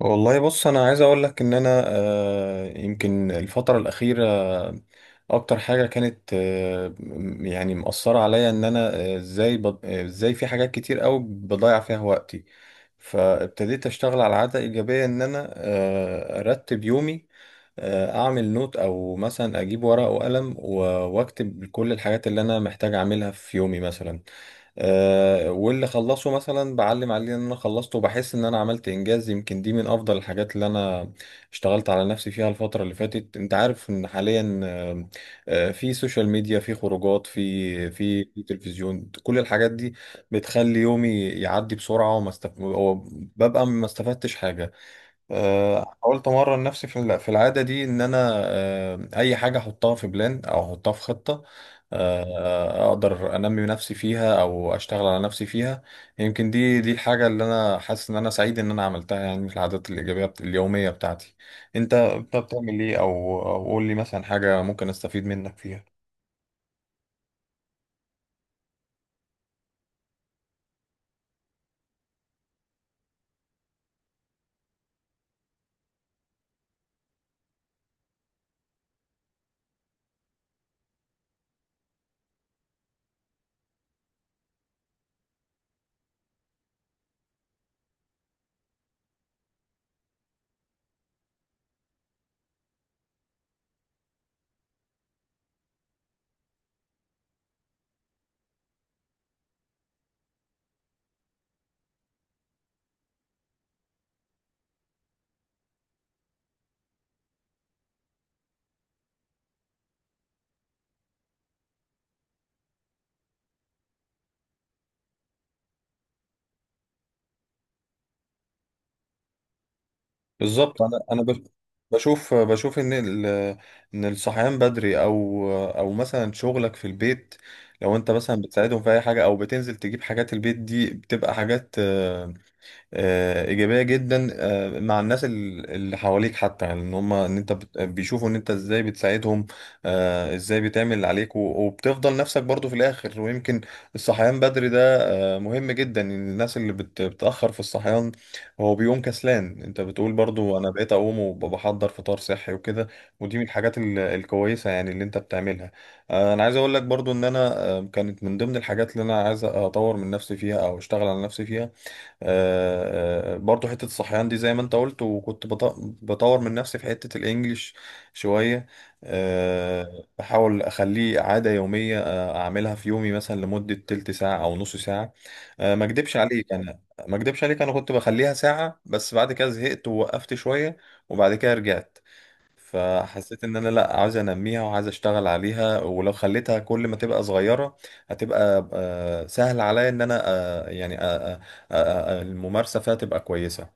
والله بص انا عايز اقول لك ان انا يمكن الفتره الاخيره اكتر حاجه كانت يعني مأثره عليا ان انا آه، ازاي بض- آه، ازاي في حاجات كتير قوي بضيع فيها وقتي. فابتديت اشتغل على عاده ايجابيه ان انا ارتب يومي، اعمل نوت او مثلا اجيب ورقه وقلم، واكتب كل الحاجات اللي انا محتاج اعملها في يومي مثلا. واللي خلصه مثلا بعلم عليه ان انا خلصته وبحس ان انا عملت انجاز. يمكن دي من افضل الحاجات اللي انا اشتغلت على نفسي فيها الفترة اللي فاتت. انت عارف ان حاليا في سوشيال ميديا، في خروجات، في تلفزيون، كل الحاجات دي بتخلي يومي يعدي بسرعة وببقى ما استفدتش حاجة. حاولت امرن نفسي في في العاده دي ان انا اي حاجه احطها في بلان او احطها في خطه اقدر انمي نفسي فيها او اشتغل على نفسي فيها. يمكن دي الحاجه اللي انا حاسس ان انا سعيد ان انا عملتها، يعني في العادات الايجابيه اليوميه بتاعتي. انت بتعمل ايه، او قول لي مثلا حاجه ممكن استفيد منك فيها؟ بالظبط. بشوف ان ان الصحيان بدري او مثلا شغلك في البيت، لو انت مثلا بتساعدهم في اي حاجه او بتنزل تجيب حاجات البيت، دي بتبقى حاجات ايجابيه جدا، مع الناس اللي حواليك. حتى يعني ان هم ان انت بيشوفوا ان انت ازاي بتساعدهم، ازاي بتعمل اللي عليك، وبتفضل نفسك برضو في الاخر. ويمكن الصحيان بدري ده مهم جدا. إن الناس اللي بتاخر في الصحيان، هو بيقوم كسلان، انت بتقول برضو انا بقيت اقوم وبحضر فطار صحي وكده. ودي من الحاجات الكويسه يعني اللي انت بتعملها. انا عايز اقول لك برضو ان انا كانت من ضمن الحاجات اللي انا عايز اطور من نفسي فيها او اشتغل على نفسي فيها. برضو حتة الصحيان دي زي ما انت قلت. بطور من نفسي في حتة الانجليش شوية. بحاول اخليه عادة يومية، اعملها في يومي مثلا لمدة تلت ساعة او نص ساعة. ما اكدبش عليك، انا ما اكدبش عليك انا كنت بخليها ساعة، بس بعد كده زهقت ووقفت شوية وبعد كده رجعت. فحسيت ان انا لا، عايز انميها وعايز اشتغل عليها، ولو خليتها كل ما تبقى صغيره هتبقى سهل عليا ان انا الممارسه فيها تبقى كويسه.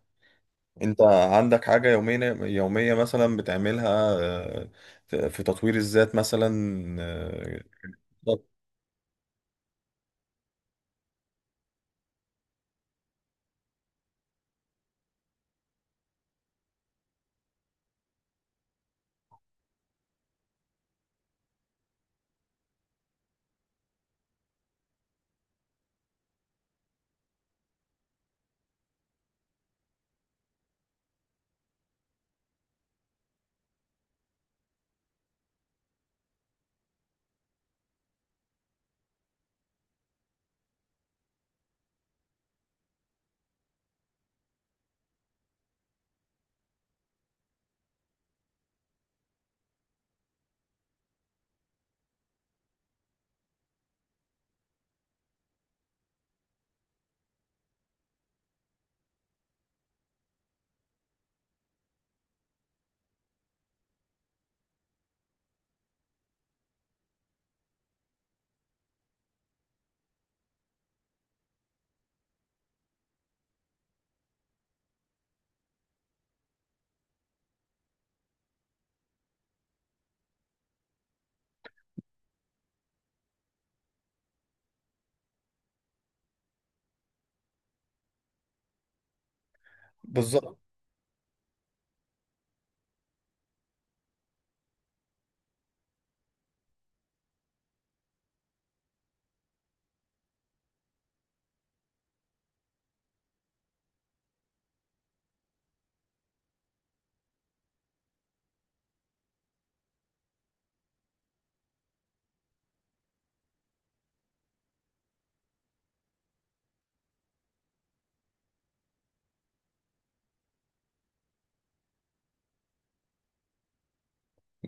انت عندك حاجه يوميه مثلا بتعملها آه، في تطوير الذات مثلا بالظبط.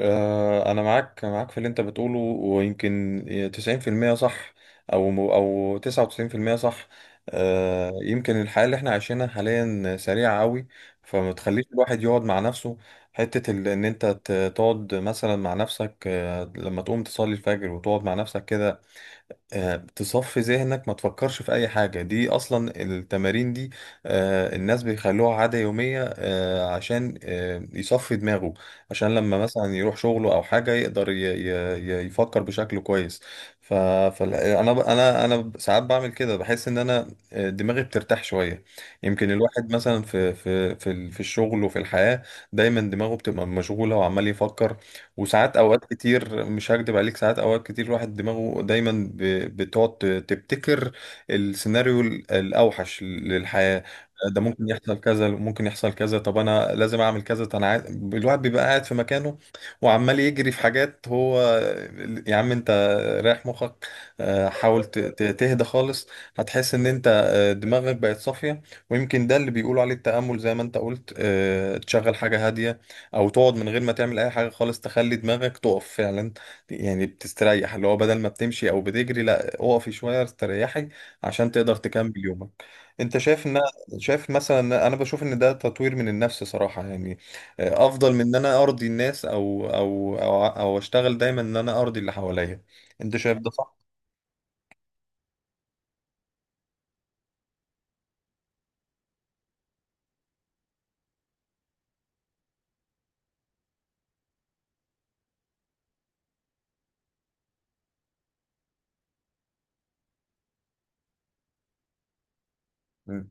أنا معاك في اللي أنت بتقوله، ويمكن 90% صح، أو 99% صح. يمكن الحياة اللي احنا عايشينها حاليا سريعة أوي، فما تخليش الواحد يقعد مع نفسه. حتة إن أنت تقعد مثلا مع نفسك لما تقوم تصلي الفجر وتقعد مع نفسك كده، تصفي ذهنك، ما تفكرش في اي حاجة، دي اصلا التمارين دي الناس بيخلوها عادة يومية، عشان يصفي دماغه، عشان لما مثلا يروح شغله او حاجة يقدر يفكر بشكل كويس. ف... فانا انا ب- انا أنا ساعات بعمل كده، بحس ان انا دماغي بترتاح شوية. يمكن الواحد مثلا في الشغل وفي الحياة دايما دماغه بتبقى مشغولة وعمال يفكر. وساعات، اوقات كتير مش هكدب عليك، ساعات اوقات كتير الواحد دماغه دايما بتقعد تبتكر السيناريو الاوحش للحياة. ده ممكن يحصل كذا، ممكن يحصل كذا، طب انا لازم اعمل كذا، طب الواحد بيبقى قاعد في مكانه وعمال يجري في حاجات. هو يا عم انت رايح مخك. حاول تهدى خالص، هتحس ان انت دماغك بقت صافية. ويمكن ده اللي بيقولوا عليه التأمل زي ما انت قلت، تشغل حاجة هادية او تقعد من غير ما تعمل اي حاجه خالص، تخلي دماغك تقف فعلا. يعني بتستريح، اللي هو بدل ما بتمشي او بتجري لا، اقفي شويه استريحي عشان تقدر تكمل يومك. انت شايف ان، شايف مثلا انا بشوف ان ده تطوير من النفس صراحه، يعني افضل من ان انا ارضي الناس او اشتغل دايما ان انا ارضي اللي حواليا. انت شايف ده صح؟ مم.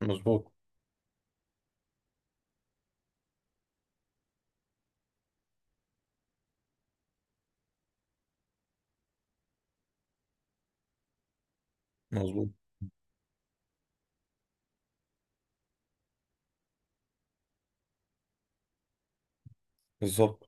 مظبوط مظبوط. بالظبط.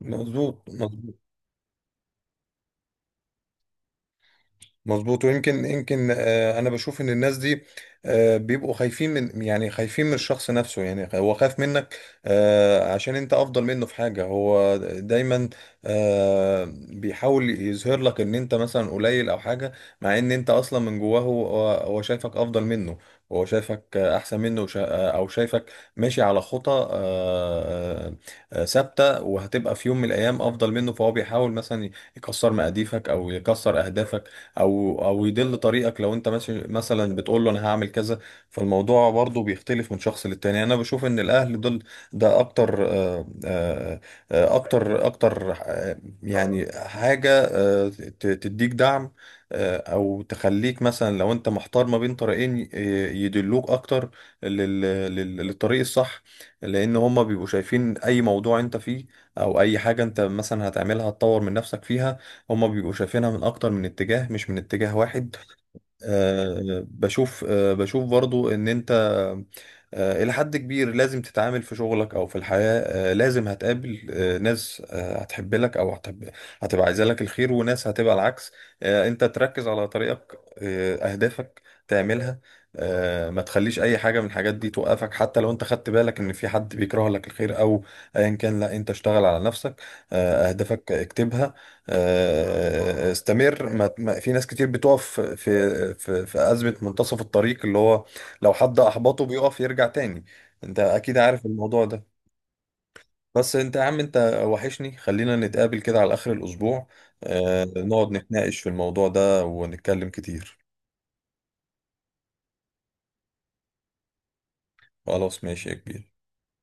مظبوط مظبوط. مظبوط. يمكن انا بشوف ان الناس دي بيبقوا خايفين من، يعني خايفين من الشخص نفسه، يعني هو خايف منك عشان انت افضل منه في حاجة. هو دايما بيحاول يظهر لك ان انت مثلا قليل او حاجة، مع ان انت اصلا من جواه هو، هو شايفك افضل منه، هو شايفك احسن منه. او شايفك ماشي على خطى ثابتة، وهتبقى في يوم من الايام افضل منه، فهو بيحاول مثلا يكسر مقاديفك او يكسر اهدافك، او يدل طريقك لو انت ماشي مثلا بتقول له انا هعمل كذا. فالموضوع برضو بيختلف من شخص للتاني. انا بشوف ان الاهل دول ده اكتر يعني حاجة تديك دعم، او تخليك مثلا لو انت محتار ما بين طريقين يدلوك اكتر للطريق الصح. لان هما بيبقوا شايفين اي موضوع انت فيه او اي حاجة انت مثلا هتعملها هتطور من نفسك فيها، هما بيبقوا شايفينها من اكتر من اتجاه مش من اتجاه واحد. بشوف، بشوف برضو ان انت الى حد كبير لازم تتعامل في شغلك او في الحياة. لازم هتقابل ناس هتحب لك او هتحب، هتبقى عايزة لك الخير، وناس هتبقى العكس. انت تركز على طريقك، اهدافك تعملها، ما تخليش اي حاجة من الحاجات دي توقفك، حتى لو انت خدت بالك ان في حد بيكره لك الخير او ايا كان، لا، انت اشتغل على نفسك. اهدافك اكتبها، استمر. في ناس كتير بتقف في أزمة منتصف الطريق، اللي هو لو حد أحبطه بيقف يرجع تاني. انت اكيد عارف الموضوع ده. بس انت يا عم انت وحشني، خلينا نتقابل كده على آخر الأسبوع، نقعد نتناقش في الموضوع ده ونتكلم كتير. خلاص ماشي يا كبير.